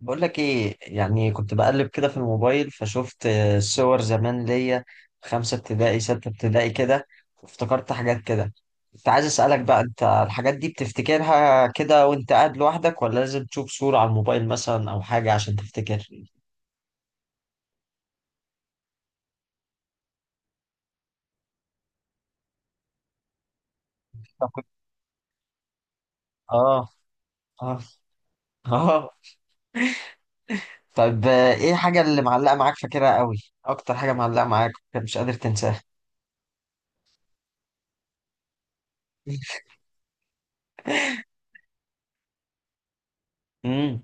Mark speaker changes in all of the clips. Speaker 1: بقول لك ايه؟ يعني كنت بقلب كده في الموبايل فشفت صور زمان ليا، خمسة ابتدائي ستة ابتدائي كده. وافتكرت حاجات كده. كنت عايز اسألك بقى، انت الحاجات دي بتفتكرها كده وانت قاعد لوحدك ولا لازم تشوف صورة على الموبايل مثلا او حاجة عشان تفتكر؟ طب اه، اه، اه، طب ايه الحاجة اللي معلقة معاك فاكرها قوي؟ اكتر حاجة معلقة معاك مش قادر تنساها؟ امم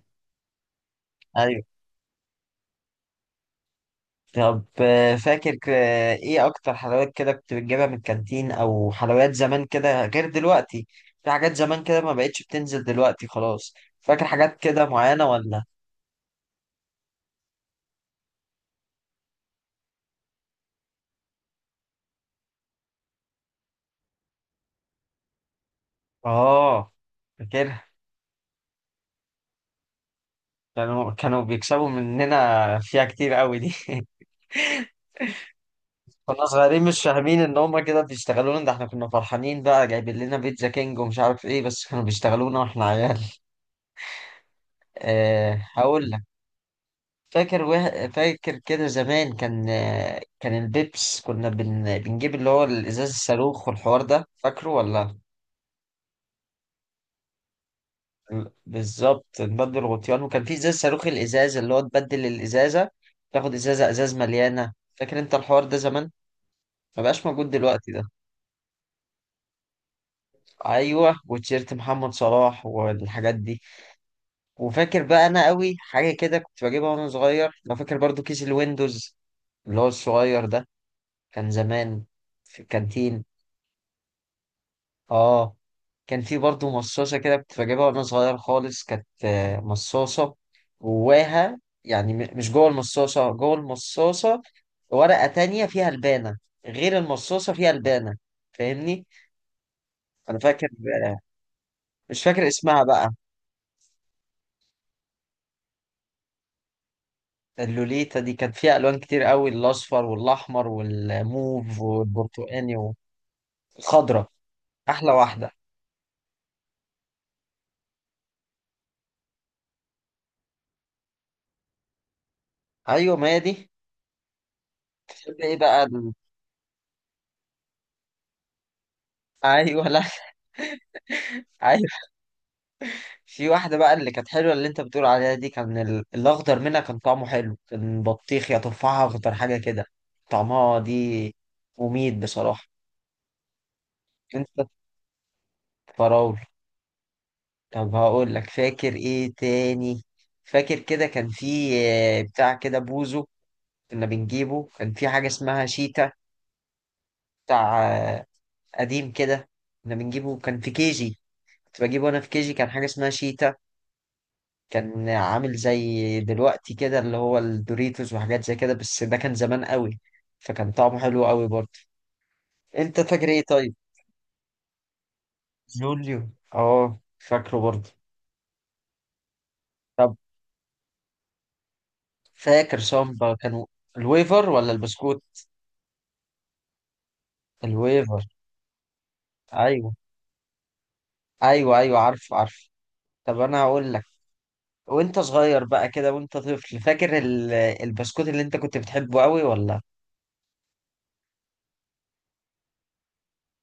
Speaker 1: طب آه، فاكر ك- آه، ايه اكتر حلويات كده كنت بتجيبها من الكانتين او حلويات زمان كده غير دلوقتي؟ في حاجات زمان كده ما بقتش بتنزل دلوقتي خلاص، فاكر حاجات كده معينة ولا؟ اه، فاكرها. كانوا بيكسبوا مننا فيها كتير قوي دي. كنا صغيرين مش فاهمين ان هما كده بيشتغلونا، ده احنا كنا فرحانين بقى، جايبين لنا بيتزا كينج ومش عارف ايه، بس كانوا بيشتغلونا واحنا عيال. أه هقول. فاكر كده زمان كان البيبس كنا بنجيب اللي هو الازاز الصاروخ، والحوار ده فاكره ولا؟ بالظبط، نبدل غطيان، وكان في ازاز صاروخ، الازاز اللي هو تبدل الازازه، تاخد ازازه ازاز مليانه، فاكر انت الحوار ده زمان؟ ما بقاش موجود دلوقتي ده. ايوه، وتيشيرت محمد صلاح والحاجات دي. وفاكر بقى انا قوي حاجه كده كنت بجيبها وانا صغير، لو فاكر برضو، كيس الويندوز، اللي هو الصغير ده، كان زمان في الكانتين. اه، كان في برضه مصاصة كده كنت بجيبها وانا صغير خالص، كانت مصاصة، جواها يعني مش جوه المصاصة، جوه المصاصة ورقة تانية فيها البانة، غير المصاصة فيها البانة. فاهمني؟ أنا فاكر. آه، مش فاكر اسمها بقى. اللوليتا دي كانت فيها ألوان كتير قوي، الأصفر والأحمر والموف والبرتقاني والخضرة. أحلى واحدة. أيوة، ما هي دي. بتحب إيه بقى أيوة؟ لا. في واحدة بقى اللي كانت حلوة، اللي انت بتقول عليها دي، كان الأخضر منها كان طعمه حلو، كان بطيخ يا تفاحة أخضر حاجة كده. طعمها دي مميت بصراحة. انت فراولة. طب هقول لك، فاكر ايه تاني؟ فاكر كده كان في بتاع كده بوزو، كنا بنجيبه؟ كان في حاجة اسمها شيتا، بتاع آه، قديم كده، كنا بنجيبه. كان في كيجي، كنت بجيبه انا في كيجي، كان حاجة اسمها شيتا، كان عامل زي دلوقتي كده اللي هو الدوريتوس وحاجات زي كده، بس ده كان زمان قوي، فكان طعمه حلو قوي برضه. انت فاكر ايه طيب؟ جوليو؟ اه، فاكره برضه. طب، فاكر سامبا؟ كانوا الويفر ولا البسكوت؟ الويفر. ايوه ايوه ايوه، عارف عارف. طب انا هقول لك، وانت صغير بقى كده وانت طفل، فاكر البسكوت اللي انت كنت بتحبه قوي ولا؟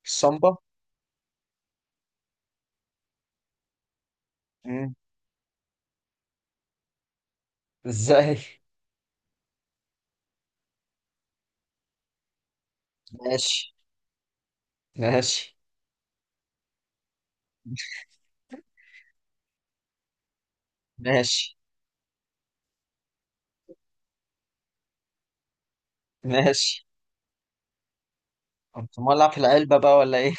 Speaker 1: السامبا. مم. ازاي؟ ماشي. ماشي. ماشي. ماشي. قمت مولع في العلبة بقى ولا إيه؟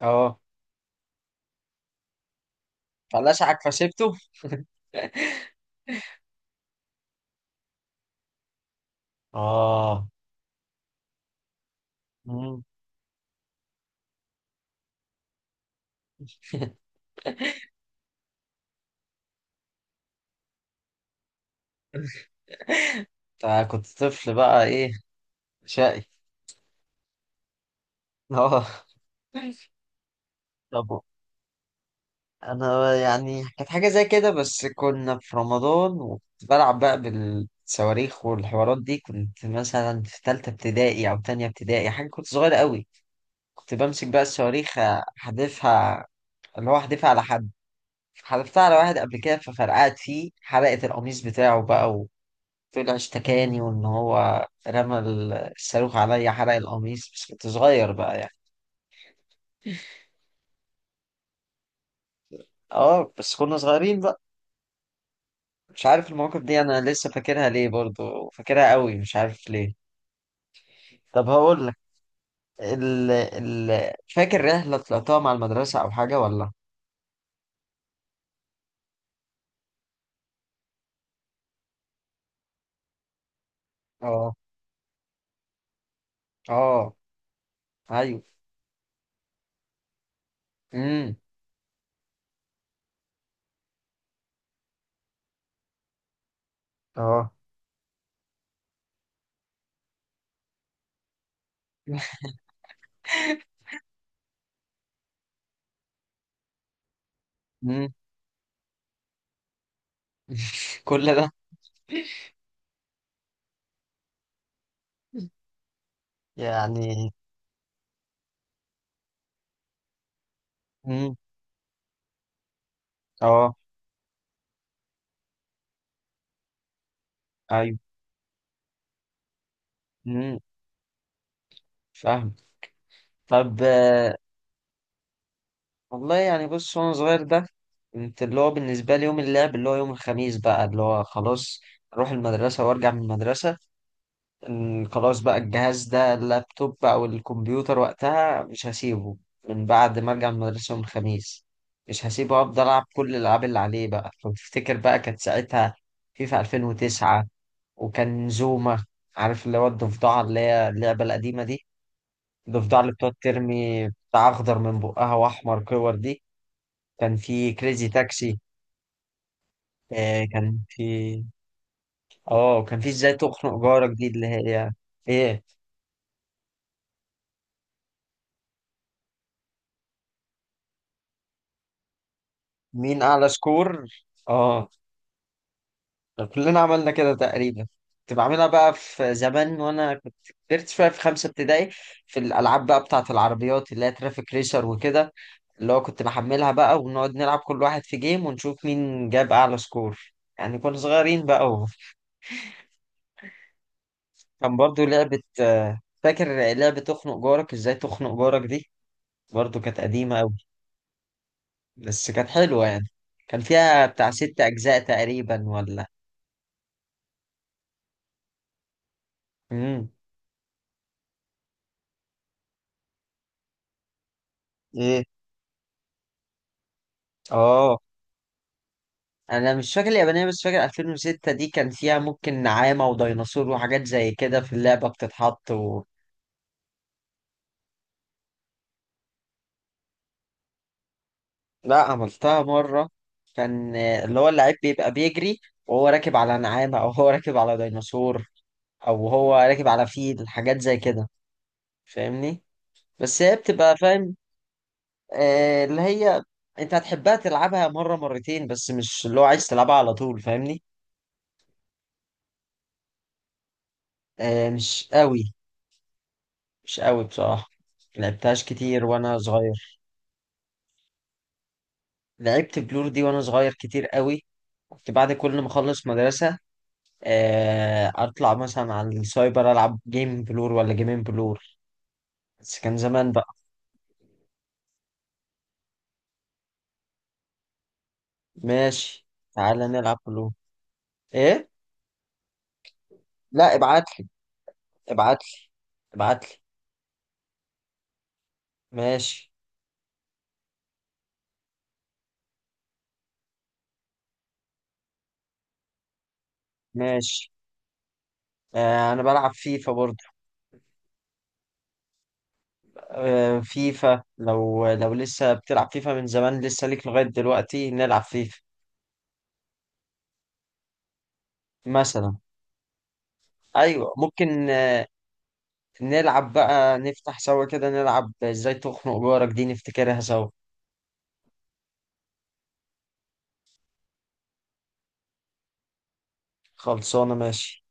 Speaker 1: اه. فلشعك فسيبته. اه. مم. أنت كنت طفل بقى إيه، شقي. أه. طب أنا يعني كانت حاجة زي كده، بس كنا في رمضان وكنت بلعب بقى بالصواريخ والحوارات دي، كنت مثلا في تالتة ابتدائي أو تانية ابتدائي حاجة، كنت صغير قوي. كنت بمسك بقى الصواريخ أحدفها، اللي هو أحدفها على حد. حدفتها على واحد قبل كده ففرقعت فيه، حرقت القميص بتاعه بقى. طلع اشتكاني، وان هو رمى الصاروخ عليا، حرق القميص، بس كنت صغير بقى يعني. اه، بس كنا صغيرين بقى. مش عارف المواقف دي انا لسه فاكرها ليه، برضو فاكرها قوي مش عارف ليه. طب هقول لك، فاكر رحلة طلعتها مع المدرسة او حاجة ولا؟ اه. اه. ايوه. امم. اه. امم. كل ده؟ يعني. امم. اه. ايوه. امم. فاهم. طب، والله يعني بص، وانا صغير ده كنت اللي هو بالنسبة لي يوم اللعب اللي هو يوم الخميس بقى، اللي هو خلاص اروح المدرسة وارجع من المدرسة، إن خلاص بقى الجهاز ده، اللابتوب او الكمبيوتر وقتها، مش هسيبه. من بعد ما ارجع من المدرسة يوم الخميس، مش هسيبه، افضل العب كل الالعاب اللي عليه بقى. لو تفتكر بقى، كانت ساعتها فيفا 2009، وكان زوما، عارف اللي هو الضفدعة، اللي هي اللعبة القديمة دي، الضفدعة اللي بتقعد ترمي بتاع اخضر من بقها واحمر كور دي، كان في كريزي تاكسي، آه كان في اه وكان في ازاي تخنق جارك دي، اللي هي. ايه؟ مين اعلى سكور. اه، كلنا عملنا كده تقريبا. كنت بعملها بقى في زمان وانا كنت كبرت شويه، في خمسه ابتدائي، في الالعاب بقى بتاعه العربيات، اللي هي ترافيك ريسر وكده، اللي هو كنت بحملها بقى، ونقعد نلعب كل واحد في جيم، ونشوف مين جاب اعلى سكور، يعني كنا صغيرين بقى. وكان برضو لعبه فاكر لعبه تخنق جارك، ازاي تخنق جارك دي؟ برضو كانت قديمه، بس كانت حلوة يعني. كان فيها بتاع ست أجزاء تقريبا ولا؟ امم. ايه؟ اه. أنا مش فاكر اليابانية، بس فاكر 2006 دي كان فيها ممكن نعامة وديناصور وحاجات زي كده في اللعبة بتتحط. لا، عملتها مرة. كان اللي هو اللعيب بيبقى بيجري وهو راكب على نعامة، أو هو راكب على ديناصور، أو هو راكب على فيل، حاجات زي كده، فاهمني؟ بس هي بتبقى، فاهم، اللي هي انت هتحبها تلعبها مرة مرتين، بس مش اللي هو عايز تلعبها على طول، فاهمني؟ مش قوي. مش قوي بصراحة. لعبتهاش كتير وانا صغير. لعبت بلور دي وانا صغير كتير قوي. كنت بعد كل ما اخلص مدرسة اطلع مثلا على السايبر، العب جيم بلور ولا جيمين بلور، بس كان زمان بقى. ماشي، تعالى نلعب بلور. ايه؟ لا، ابعتلي. ابعتلي. ابعتلي. ماشي. ماشي. انا بلعب فيفا برضه. فيفا؟ لو لسه بتلعب فيفا من زمان لسه ليك لغاية دلوقتي، نلعب فيفا مثلا. ايوه ممكن. نلعب بقى، نفتح سوا كده نلعب ازاي تخنق جارك دي، نفتكرها سوا. خلصانة، ماشي.